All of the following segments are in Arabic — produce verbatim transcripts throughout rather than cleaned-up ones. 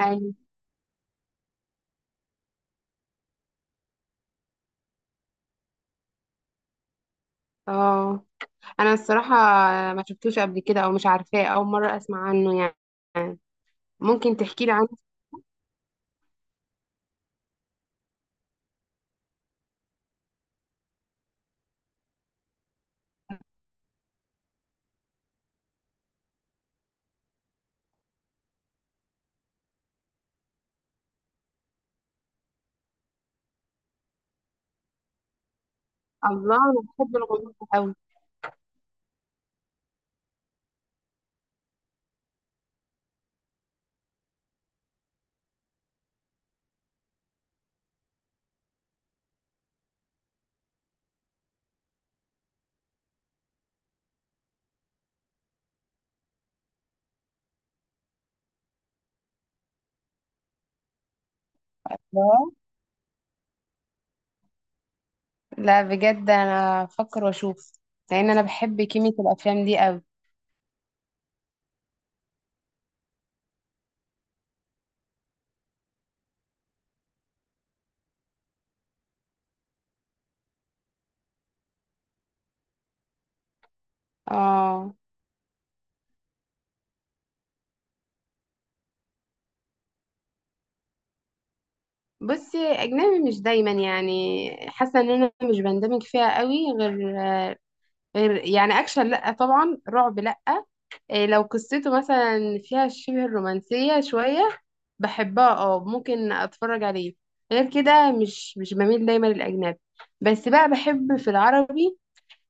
ايوه. اه. انا الصراحه ما شفتوش قبل كده او مش عارفاه، اول مره اسمع عنه. يعني، ممكن تحكي لي عنه؟ الله، انا بحب الغموض قوي. لا، لا، بجد انا افكر واشوف، لان انا بحب كيمياء الافلام دي قوي. اه. بصي، اجنبي مش دايما، يعني حاسه ان انا مش بندمج فيها قوي، غير غير يعني اكشن، لا طبعا، رعب لا. إيه، لو قصته مثلا فيها شبه الرومانسية شوية بحبها، اه، ممكن اتفرج عليه. غير كده مش مش بميل دايما للأجنبي، بس بقى بحب في العربي.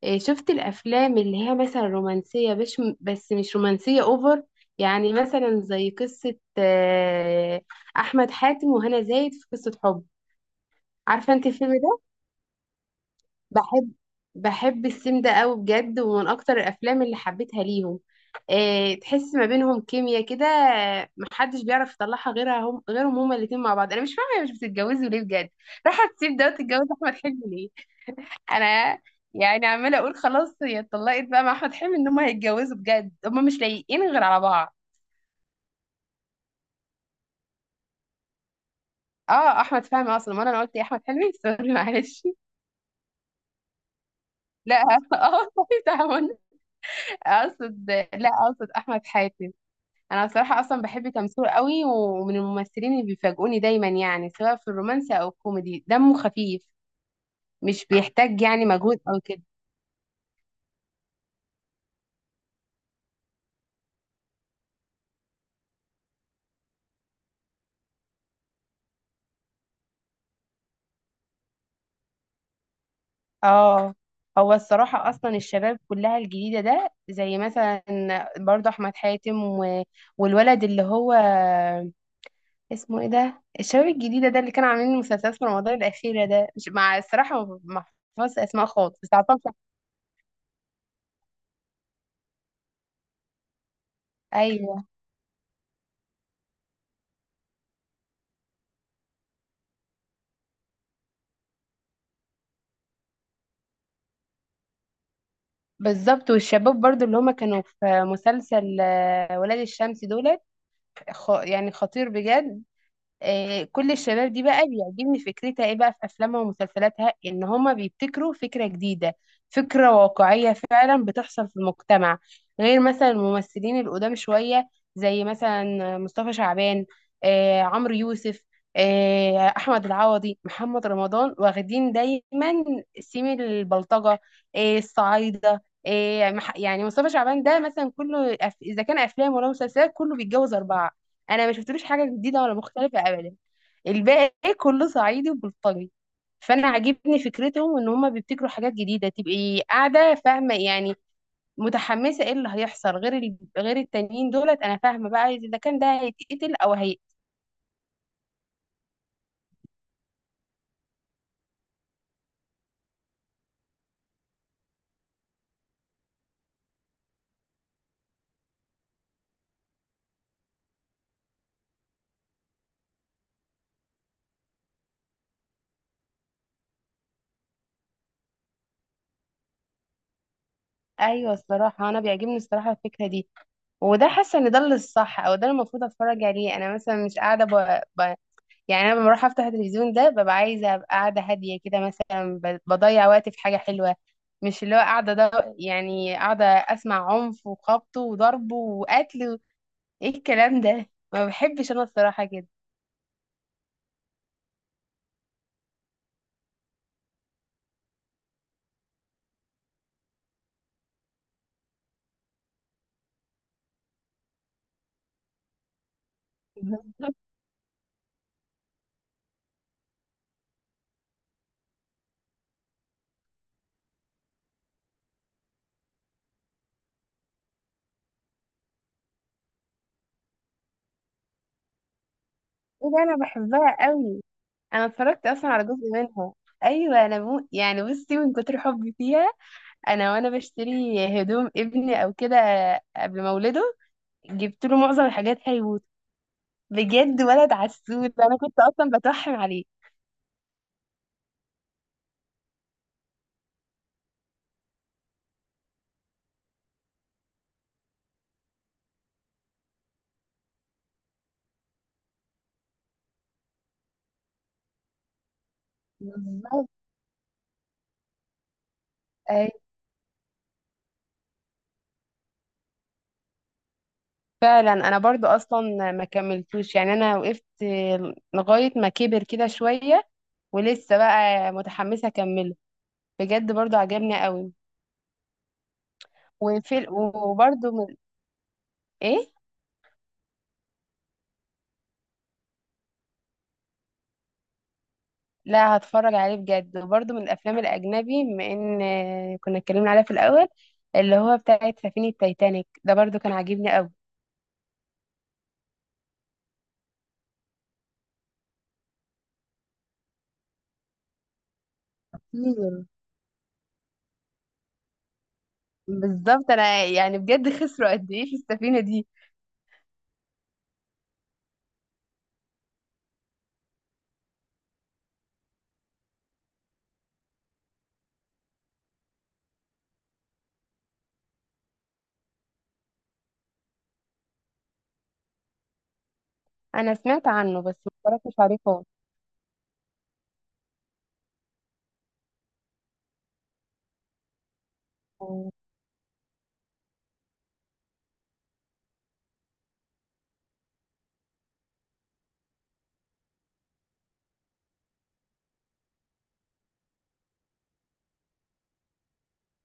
إيه، شفت الأفلام اللي هي مثلا رومانسية بش بس مش رومانسية اوفر، يعني مثلا زي قصة آه، أحمد حاتم وهنا زايد في قصة حب. عارفة انت الفيلم ده؟ بحب بحب السيم ده قوي بجد، ومن اكتر الافلام اللي حبيتها ليهم. آه، تحس ما بينهم كيمياء كده، آه، محدش بيعرف يطلعها غيرها، هم غيرهم هما الاتنين مع بعض. انا مش فاهمه هي مش بتتجوزوا ليه بجد، راحه تسيب ده وتتجوز احمد حلمي ليه؟ انا يعني عماله اقول خلاص هي اتطلقت بقى مع احمد حلمي ان هما هيتجوزوا بجد، هما مش لايقين غير على بعض. اه احمد فهمي اصلا، ما انا أنا قلت إيه، احمد حلمي سوري معلش. لا اه صحيح، تعاون، اقصد لا، اقصد احمد حاتم. انا بصراحه اصلا بحب تمثيل قوي، ومن الممثلين اللي بيفاجئوني دايما، يعني سواء في الرومانسي او الكوميدي دمه خفيف، مش بيحتاج يعني مجهود او كده. اه. هو الصراحه اصلا الشباب كلها الجديده ده، زي مثلا برضه احمد حاتم و... والولد اللي هو اسمه ايه ده، الشباب الجديده ده اللي كانوا عاملين مسلسلات في رمضان الاخيره ده، مش مع الصراحه ما بحفظش اسماء خالص، بس عارفاهم شكلاً. ايوه بالظبط، والشباب برضو اللي هما كانوا في مسلسل آه، ولاد الشمس دول، خ... يعني خطير بجد. آه، كل الشباب دي بقى بيعجبني فكرتها، ايه بقى في افلامها ومسلسلاتها، ان هما بيبتكروا فكرة جديدة، فكرة واقعية فعلا بتحصل في المجتمع، غير مثلا الممثلين القدام شوية، زي مثلا مصطفى شعبان، آه عمرو يوسف، آه احمد العوضي، محمد رمضان، واخدين دايما سيم البلطجة، آه الصعايدة، آه مح- يعني مصطفى شعبان ده مثلا كله أف- اذا كان افلام ولا مسلسلات كله بيتجوز اربعة، انا ما شفتلوش حاجه جديده ولا مختلفه ابدا، الباقي كله صعيدي وبلطجي. فانا عاجبني فكرتهم ان هما بيبتكروا حاجات جديده تبقي قاعده فاهمه يعني، متحمسه ايه اللي هيحصل، غير ال... غير التانيين دولت، انا فاهمه بقى اذا كان ده هيتقتل او هي. ايوه الصراحه انا بيعجبني الصراحه الفكره دي، وده حاسه ان ده اللي الصح او ده اللي المفروض اتفرج عليه. انا مثلا مش قاعده ب... ب... يعني انا لما بروح افتح التلفزيون ده ببقى عايزه ابقى قاعده هاديه كده مثلا، ب- بضيع وقتي في حاجه حلوه، مش اللي هو قاعده ده، يعني قاعده اسمع عنف وخبط وضرب وقتل و- ايه الكلام ده، ما بحبش انا الصراحه كده. ايه ده، انا بحبها قوي. انا اتفرجت اصلا على جزء منها. ايوه انا مو يعني، بصي، من كتر حبي فيها، انا وانا بشتري هدوم ابني او كده قبل ما اولده جبت له معظم الحاجات هيبوظ بجد، ولد عسول انا كنت اصلا بترحم عليه. بالظبط. اي فعلا، انا برضو اصلا ما كملتوش، يعني انا وقفت لغايه ما كبر كده شويه، ولسه بقى متحمسه اكمله. بجد برضو عجبني قوي. وفي وبرضو من، ايه. لا، هتفرج عليه بجد، وبرضو من الافلام الاجنبي بما ان كنا اتكلمنا عليها في الاول، اللي هو بتاعت سفينه تايتانيك ده برضو كان عاجبني قوي كتير. بالظبط، انا يعني بجد خسروا قد ايه في السفينه دي. انا سمعت عنه بس ما اتفرجتش عليه. خالص.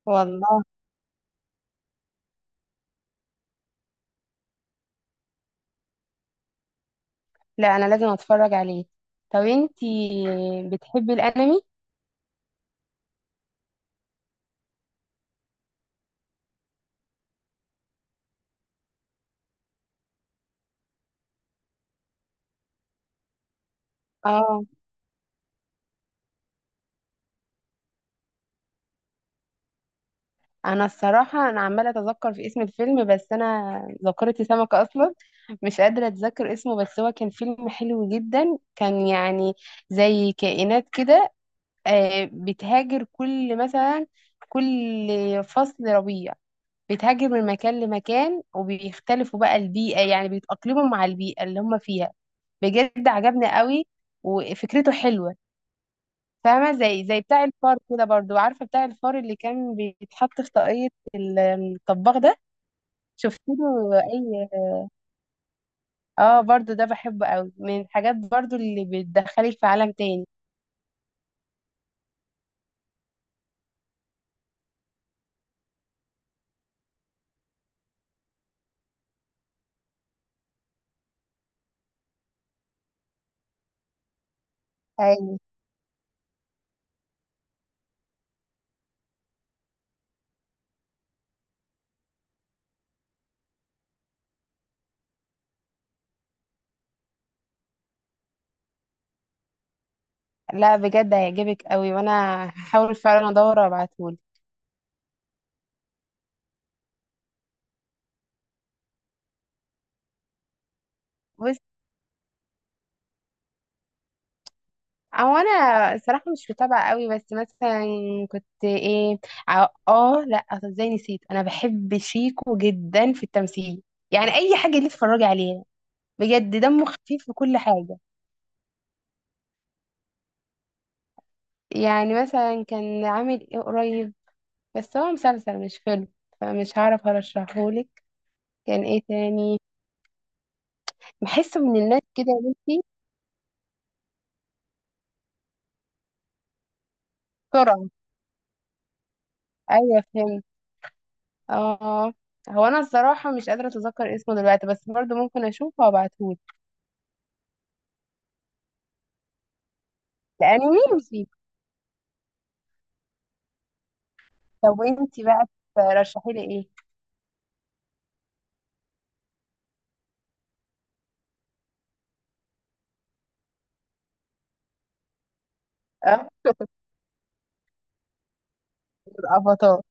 والله. لا، انا لازم اتفرج عليه. طب انتي بتحبي الانمي؟ اه. انا الصراحه انا عماله اتذكر في اسم الفيلم، بس انا ذاكرتي سمكه اصلا، مش قادره اتذكر اسمه، بس هو كان فيلم حلو جدا، كان يعني زي كائنات كده، آه، بتهاجر كل مثلا كل فصل ربيع، بتهاجر من مكان لمكان، وبيختلفوا بقى البيئه، يعني بيتأقلموا مع البيئه اللي هم فيها، بجد عجبني قوي وفكرته حلوه. فاهمة، زي زي بتاع الفار كده، برضو عارفة بتاع الفار اللي كان بيتحط في طاقية ال- الطباخ ده، شفت له؟ اي. اه برضو ده بحبه قوي، من الحاجات برضو اللي بتدخلك في عالم تاني. ايوه. لا بجد هيعجبك قوي، وانا هحاول فعلا ادور ابعتهولك. بص، او انا صراحة مش متابعة قوي، بس مثلا كنت ايه، ع- اه لا، أصل ازاي نسيت، انا بحب شيكو جدا في التمثيل، يعني اي حاجة اللي اتفرجي عليها بجد دمه خفيف في كل حاجة. يعني مثلا كان عامل ايه قريب، بس هو مسلسل مش فيلم، فمش هعرف ارشحهولك. كان ايه تاني؟ بحسه من الناس كده يا بنتي. بسرعة، ايوه فهمت. اه. هو انا الصراحة مش قادرة اتذكر اسمه دلوقتي، بس برضو ممكن اشوفه وابعتهولك. لاني ميوزي. طب وانتي بقى، ترشحي لي ايه؟ اه. الافاتار.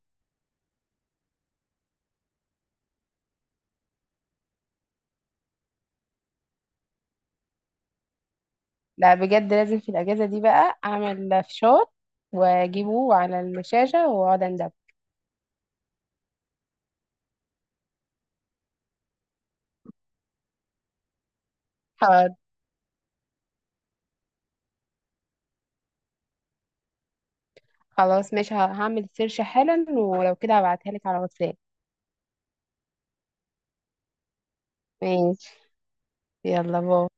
لا بجد لازم في الاجازة دي بقى اعمل فشار واجيبه على الشاشة واقعد اندب. حاضر. خلاص ماشي، ه- هعمل سيرش حالا، ولو كده هبعتها لك على واتساب. ماشي، يلا باي.